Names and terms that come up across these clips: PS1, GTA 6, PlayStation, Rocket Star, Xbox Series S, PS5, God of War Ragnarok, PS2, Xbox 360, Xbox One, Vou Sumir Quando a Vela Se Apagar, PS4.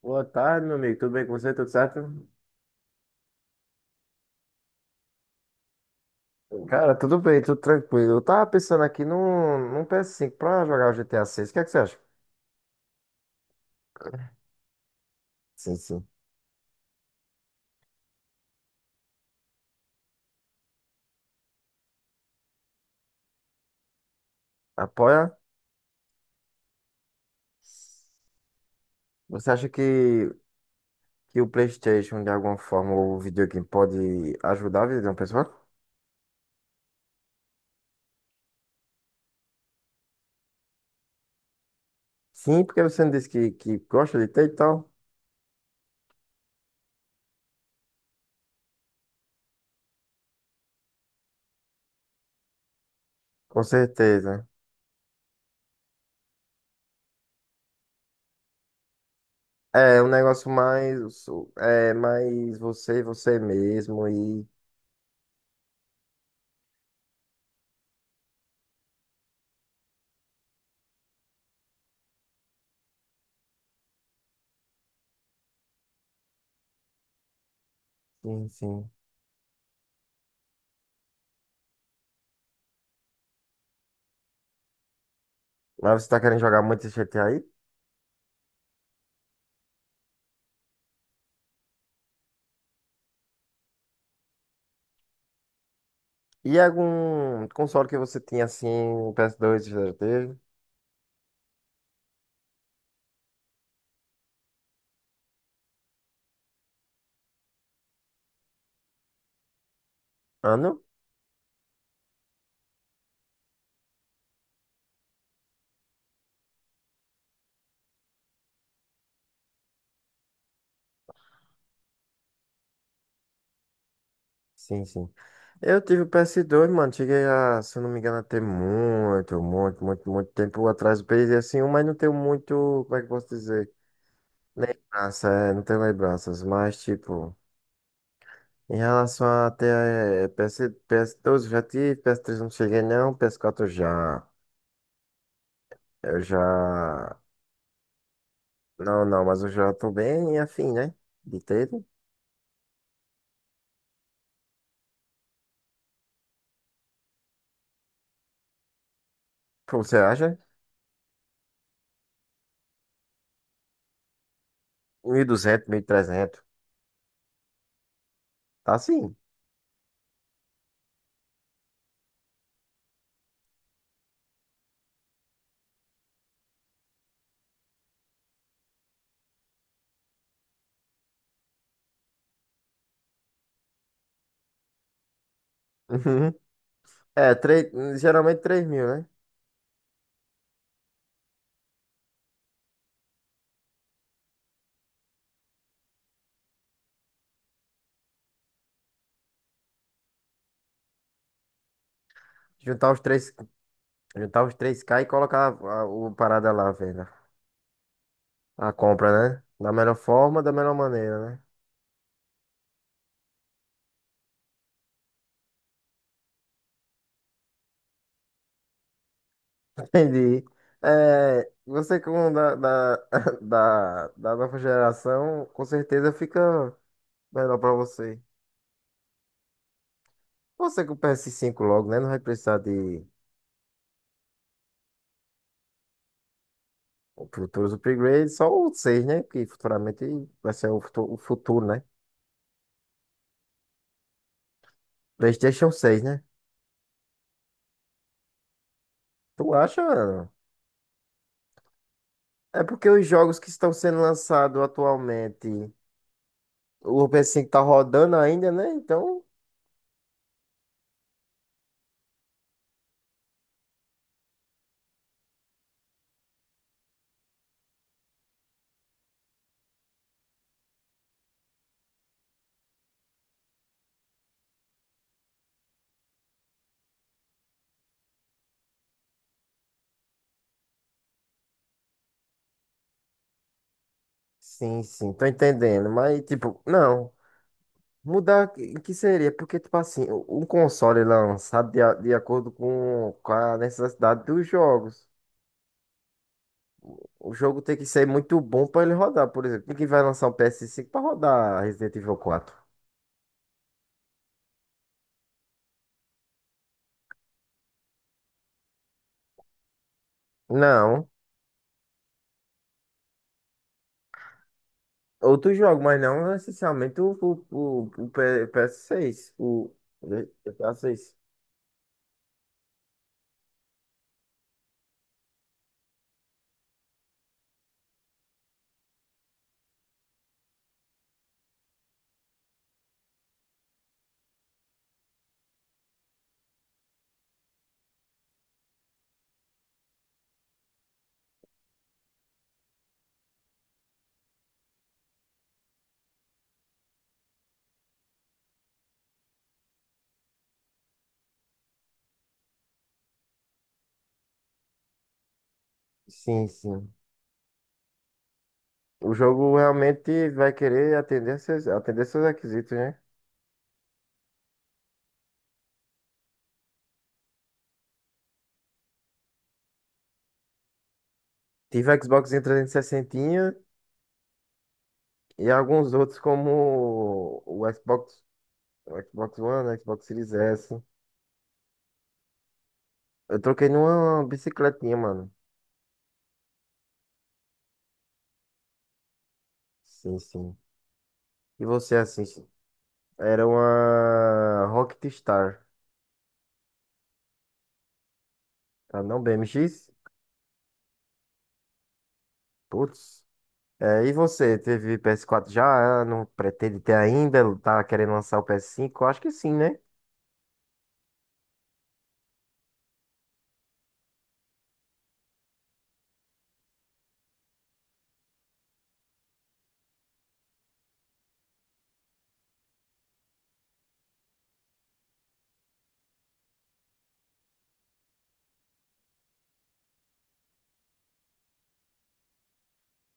Boa tarde, meu amigo. Tudo bem com você? Tudo certo? Cara, tudo bem, tudo tranquilo. Eu tava pensando aqui num PS5 pra jogar o GTA 6. O que é que você acha? Sim, sim. Apoia? Você acha que o PlayStation, de alguma forma, ou o videogame pode ajudar a vida de uma pessoa? Sim, porque você não disse que gosta de ter e tal. Com certeza. É um negócio mais. É mais você mesmo e. Sim, sim. Mas você tá querendo jogar muito esse GTA aí? E algum console que você tinha assim, o PS2 você já teve? Ah, não? Sim, sim. Eu tive o PS2, mano. Cheguei a, se eu não me engano, a ter muito, muito, muito, muito tempo atrás do PS1, mas não tenho muito, como é que eu posso dizer? Lembrança, é, não tenho lembranças. Mas, tipo, em relação a ter eh, PS, PS2 eu já tive, PS3 não cheguei, não, PS4 já. Eu já. Não, não, mas eu já tô bem afim, né? De ter. Pô, você acha? 1.200, trezentos? Tá, sim. Uhum. É, geralmente 3.000, né? Juntar os 3 juntar os 3K e colocar o parada lá, a venda. A compra, né? Da melhor forma, da melhor maneira, né? Entendi. É, você como da nova geração, com certeza fica melhor pra você. Você com o PS5 logo, né? Não vai precisar de futuros upgrades, só o 6, né? Que futuramente vai ser o futuro, né? PlayStation 6, né? Tu acha? É porque os jogos que estão sendo lançados atualmente, o PS5 tá rodando ainda, né? Então, sim, sim, tô entendendo. Mas, tipo, não. Mudar o que seria? Porque, tipo assim, um console lançado de acordo com a necessidade dos jogos. O jogo tem que ser muito bom pra ele rodar, por exemplo. Quem que vai lançar um PS5 pra rodar Resident Evil 4? Não. Outro jogo, mas não necessariamente PS6, o GTA 6. Sim, sim. O jogo realmente vai querer atender seus requisitos, né? Tive o Xbox 360 e sessenta e alguns outros como o Xbox One, o Xbox Series S. Eu troquei numa bicicletinha, mano. Sim, sim. E você assiste? Era uma Rocket Star, tá? Não BMX? Putz. É, e você, teve PS4 já? Ah, não pretende ter ainda? Tá querendo lançar o PS5? Eu acho que sim, né?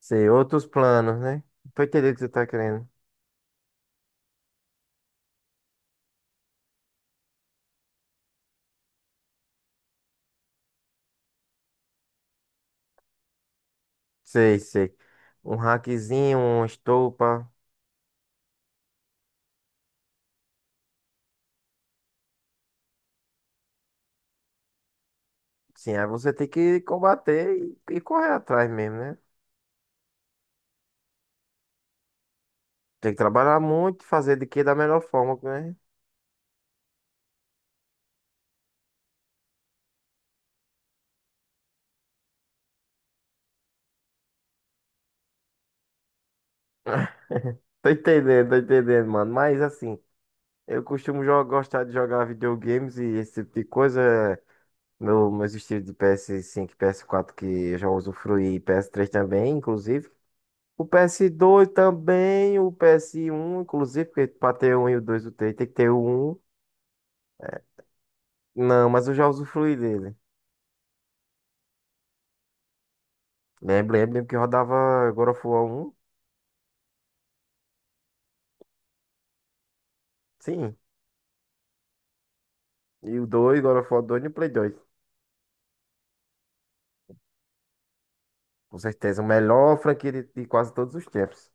Sei, outros planos, né? Tô entendendo o que você tá querendo. Sei, sei. Um hackzinho, uma estopa. Sim, aí você tem que combater e correr atrás mesmo, né? Tem que trabalhar muito, fazer de que da melhor forma, né? Tô entendendo, mano. Mas assim, eu costumo gostar de jogar videogames e esse tipo de coisa. é meus estilos de PS5, e PS4 que eu já usufruí, e PS3 também, inclusive. O PS2 também, o PS1, inclusive, porque pra ter um e o dois o três tem que ter o um. Não, mas eu já usufruí dele. Lembro, lembro, lembro que rodava God of War 1, sim. E o 2 God of War 2 e o Play 2. Com certeza, o melhor franquia de quase todos os tempos.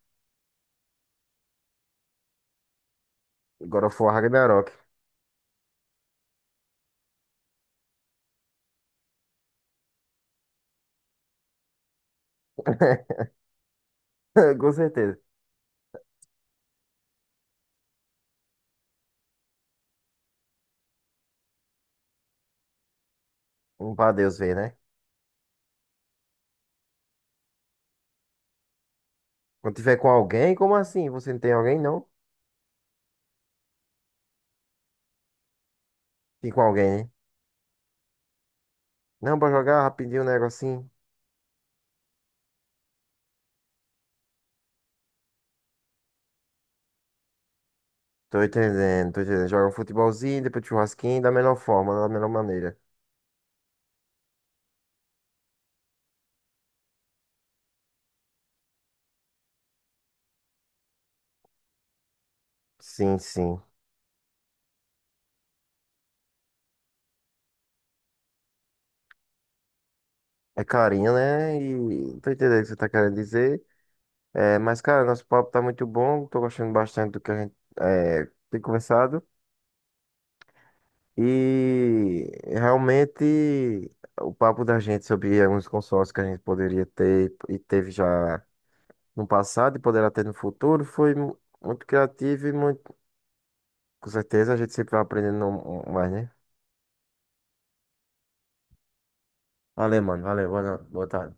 God of War Ragnarok. Com certeza. Um pra Deus ver, né? Quando tiver com alguém, como assim? Você não tem alguém, não? Tem com alguém, né? Não, pra jogar rapidinho um negocinho. Tô entendendo, tô entendendo. Joga um futebolzinho, depois churrasquinho, da melhor forma, da melhor maneira. Sim, sim. É carinho, né? E tô entendendo o que você tá querendo dizer. É, mas, cara, nosso papo tá muito bom. Tô gostando bastante do que a gente tem conversado. E realmente o papo da gente sobre alguns consórcios que a gente poderia ter e teve já no passado e poderá ter no futuro foi muito criativo e muito. Com certeza a gente sempre vai aprendendo mais, né? Valeu, mano. Valeu. Boa no- boa tarde.